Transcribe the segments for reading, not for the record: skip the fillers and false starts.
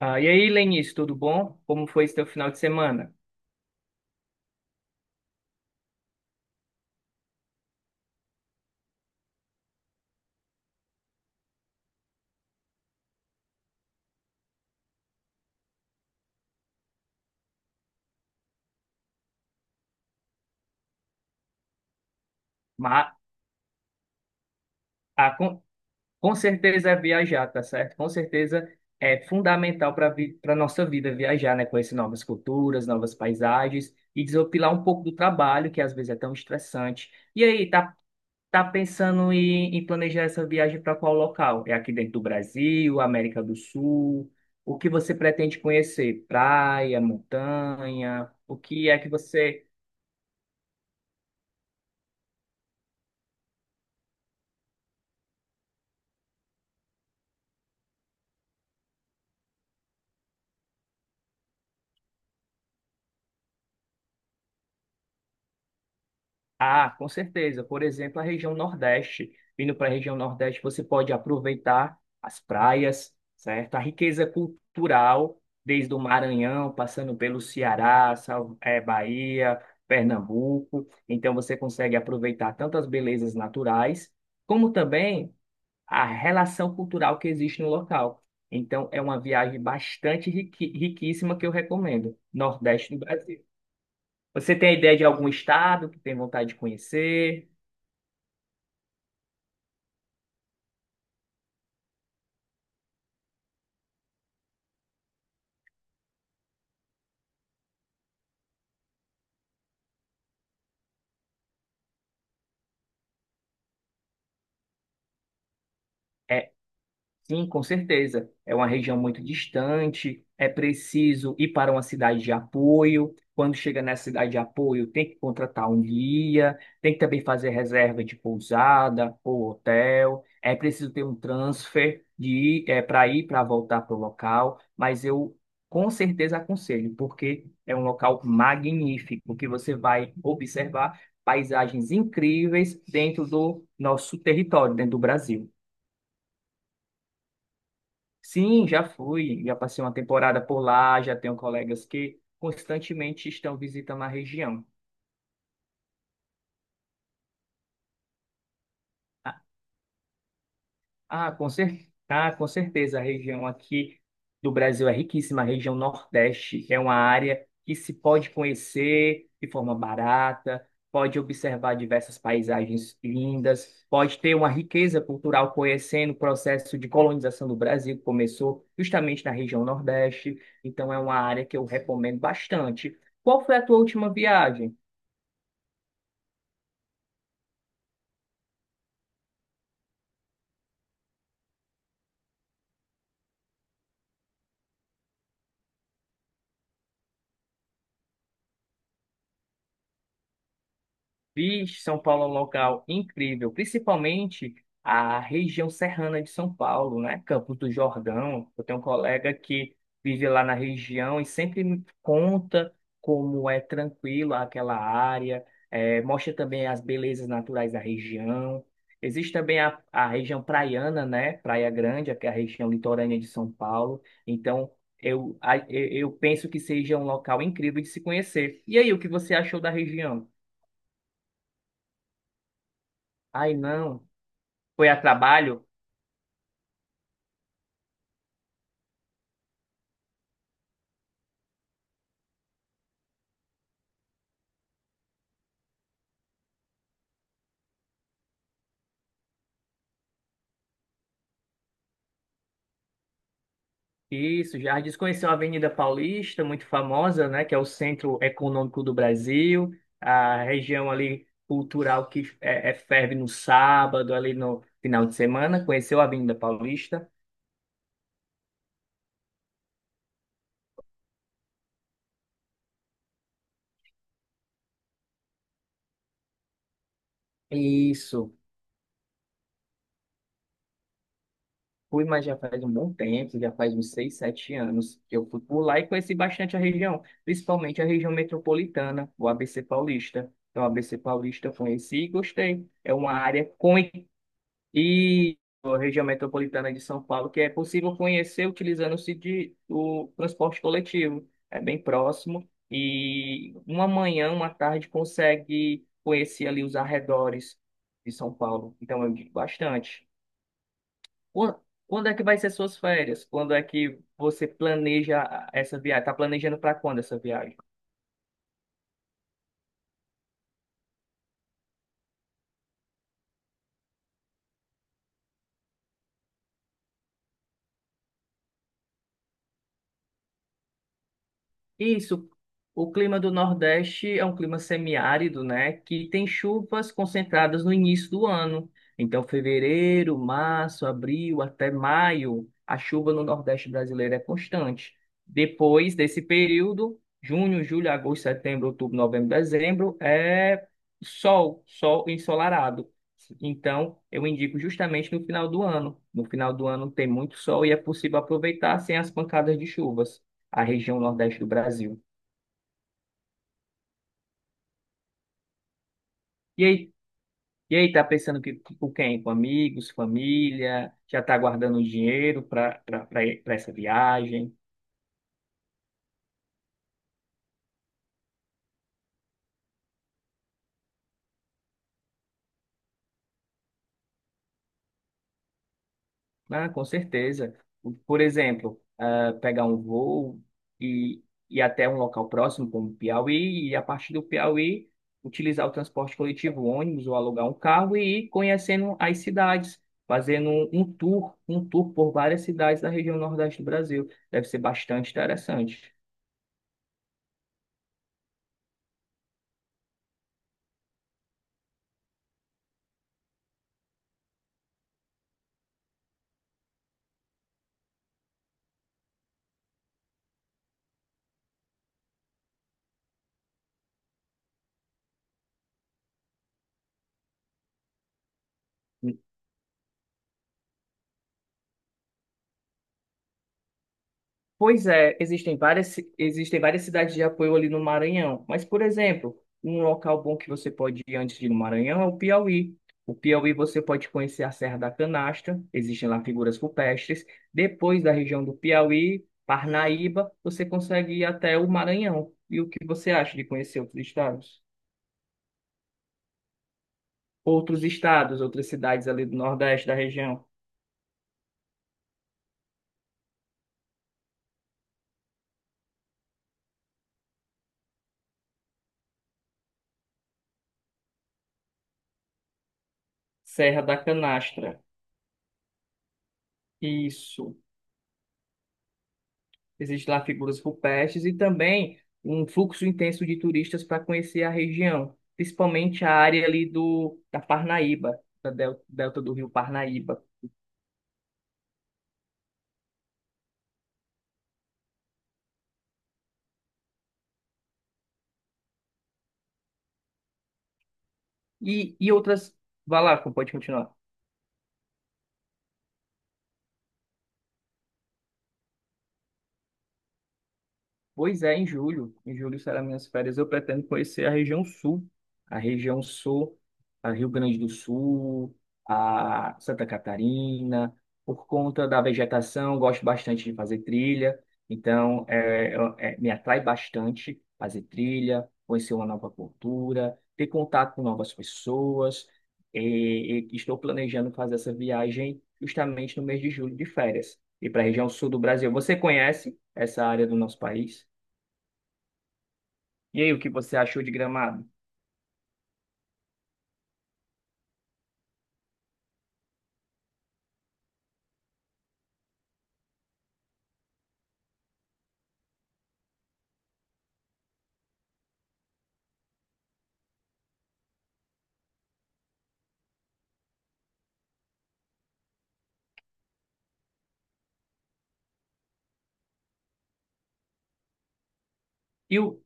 Ah, e aí, Lenice, tudo bom? Como foi seu final de semana? Ma- ah, com, com certeza é viajar, tá certo? Com certeza é fundamental para nossa vida viajar, né? Conhecer novas culturas, novas paisagens e desopilar um pouco do trabalho, que às vezes é tão estressante. E aí, tá, tá pensando em planejar essa viagem para qual local? É aqui dentro do Brasil, América do Sul? O que você pretende conhecer? Praia, montanha? O que é que você. Ah, com certeza. Por exemplo, a região Nordeste. Vindo para a região Nordeste, você pode aproveitar as praias, certo? A riqueza cultural, desde o Maranhão, passando pelo Ceará, Bahia, Pernambuco. Então, você consegue aproveitar tanto as belezas naturais, como também a relação cultural que existe no local. Então, é uma viagem bastante riquíssima que eu recomendo. Nordeste do Brasil. Você tem ideia de algum estado que tem vontade de conhecer? É, sim, com certeza. É uma região muito distante, é preciso ir para uma cidade de apoio. Quando chega nessa cidade de apoio, tem que contratar um guia, tem que também fazer reserva de pousada ou hotel. É preciso ter um transfer de ir, é, para ir para voltar para o local, mas eu com certeza aconselho, porque é um local magnífico que você vai observar paisagens incríveis dentro do nosso território, dentro do Brasil. Sim, já fui, já passei uma temporada por lá, já tenho colegas que constantemente estão visitando a região. Com certeza. A região aqui do Brasil é riquíssima. A região Nordeste é uma área que se pode conhecer de forma barata, pode observar diversas paisagens lindas, pode ter uma riqueza cultural conhecendo o processo de colonização do Brasil, que começou justamente na região Nordeste. Então, é uma área que eu recomendo bastante. Qual foi a tua última viagem? Fiz São Paulo é um local incrível, principalmente a região serrana de São Paulo, né? Campos do Jordão. Eu tenho um colega que vive lá na região e sempre me conta como é tranquilo aquela área, mostra também as belezas naturais da região. Existe também a região praiana, né? Praia Grande, que é a região litorânea de São Paulo. Então, eu, a- eu eu penso que seja um local incrível de se conhecer. E aí, o que você achou da região? Ai, não. Foi a trabalho? Isso, Jardim conheceu a Avenida Paulista, muito famosa, né, que é o centro econômico do Brasil, a região ali cultural que é ferve no sábado, ali no final de semana, conheceu a Avenida Paulista. Isso, fui, mas já faz um bom tempo, já faz uns seis, sete anos que eu fui por lá e conheci bastante a região, principalmente a região metropolitana, o ABC Paulista. Então, a ABC Paulista eu conheci e gostei. É uma área e a região metropolitana de São Paulo, que é possível conhecer utilizando-se de o transporte coletivo. É bem próximo e uma manhã, uma tarde consegue conhecer ali os arredores de São Paulo. Então eu digo bastante. Quan- Quando é que vai ser suas férias? Quando é que você planeja essa viagem? Está planejando para quando essa viagem? Isso. O clima do Nordeste é um clima semiárido, né? Que tem chuvas concentradas no início do ano. Então, fevereiro, março, abril, até maio, a chuva no Nordeste brasileiro é constante. Depois desse período, junho, julho, agosto, setembro, outubro, novembro, dezembro, é sol, sol ensolarado. Então, eu indico justamente no final do ano. No final do ano tem muito sol e é possível aproveitar sem as pancadas de chuvas a região Nordeste do Brasil. E aí, e aí tá pensando que, com quem? Com amigos, família? Já tá guardando dinheiro para essa viagem? Ah, com certeza. Por exemplo, ah, pegar um voo e ir até um local próximo, como Piauí, e a partir do Piauí utilizar o transporte coletivo, ônibus ou alugar um carro e ir conhecendo as cidades, fazendo um tour por várias cidades da região Nordeste do Brasil. Deve ser bastante interessante. Pois é, existem várias cidades de apoio ali no Maranhão, mas, por exemplo, um local bom que você pode ir antes de ir no Maranhão é o Piauí. O Piauí você pode conhecer a Serra da Canastra, existem lá figuras rupestres. Depois da região do Piauí, Parnaíba, você consegue ir até o Maranhão. E o que você acha de conhecer outros estados? Outros estados, outras cidades ali do Nordeste da região. Serra da Canastra. Isso. Existem lá figuras rupestres e também um fluxo intenso de turistas para conhecer a região, principalmente a área ali da Parnaíba, da delta do rio Parnaíba. E outras. Vai lá, pode continuar. Pois é, em julho. Em julho serão minhas férias. Eu pretendo conhecer a região sul. A região sul, a Rio Grande do Sul, a Santa Catarina. Por conta da vegetação, gosto bastante de fazer trilha. Então, me atrai bastante fazer trilha, conhecer uma nova cultura, ter contato com novas pessoas. E estou planejando fazer essa viagem justamente no mês de julho de férias. E para a região sul do Brasil. Você conhece essa área do nosso país? E aí, o que você achou de Gramado? E o,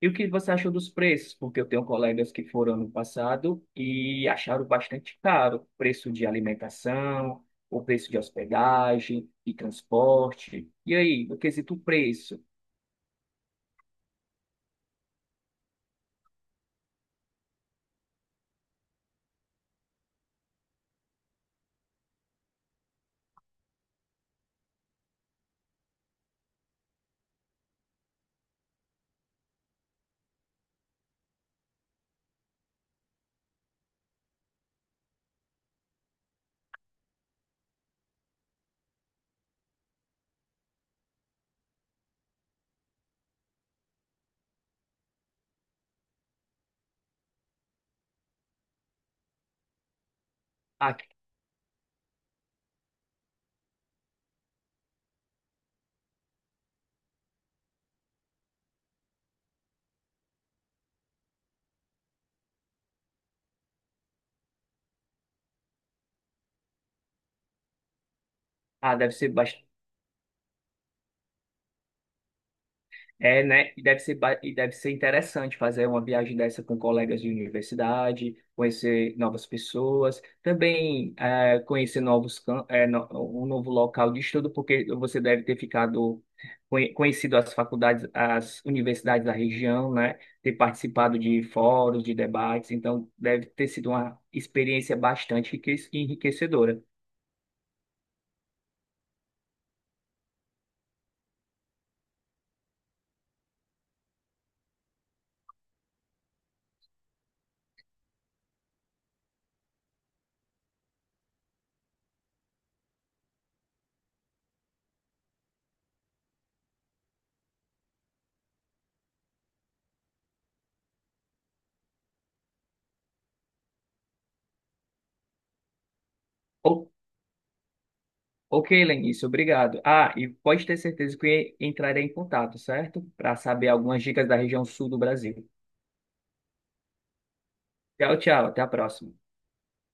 e o que você achou dos preços? Porque eu tenho colegas que foram no passado e acharam bastante caro o preço de alimentação, o preço de hospedagem e transporte. E aí, no quesito preço, ah, ah, deve ser bas- é, né? E deve ser, e deve ser interessante fazer uma viagem dessa com colegas de universidade, conhecer novas pessoas, também conhecer novos, cam- eh, no- um novo local de estudo, porque você deve ter ficado conhecido as faculdades, as universidades da região, né? Ter participado de fóruns, de debates, então deve ter sido uma experiência bastante enriquecedora. Ok, Lenice, obrigado. Ah, e pode ter certeza que entrarei em contato, certo? Para saber algumas dicas da região sul do Brasil. Tchau, tchau, até a próxima.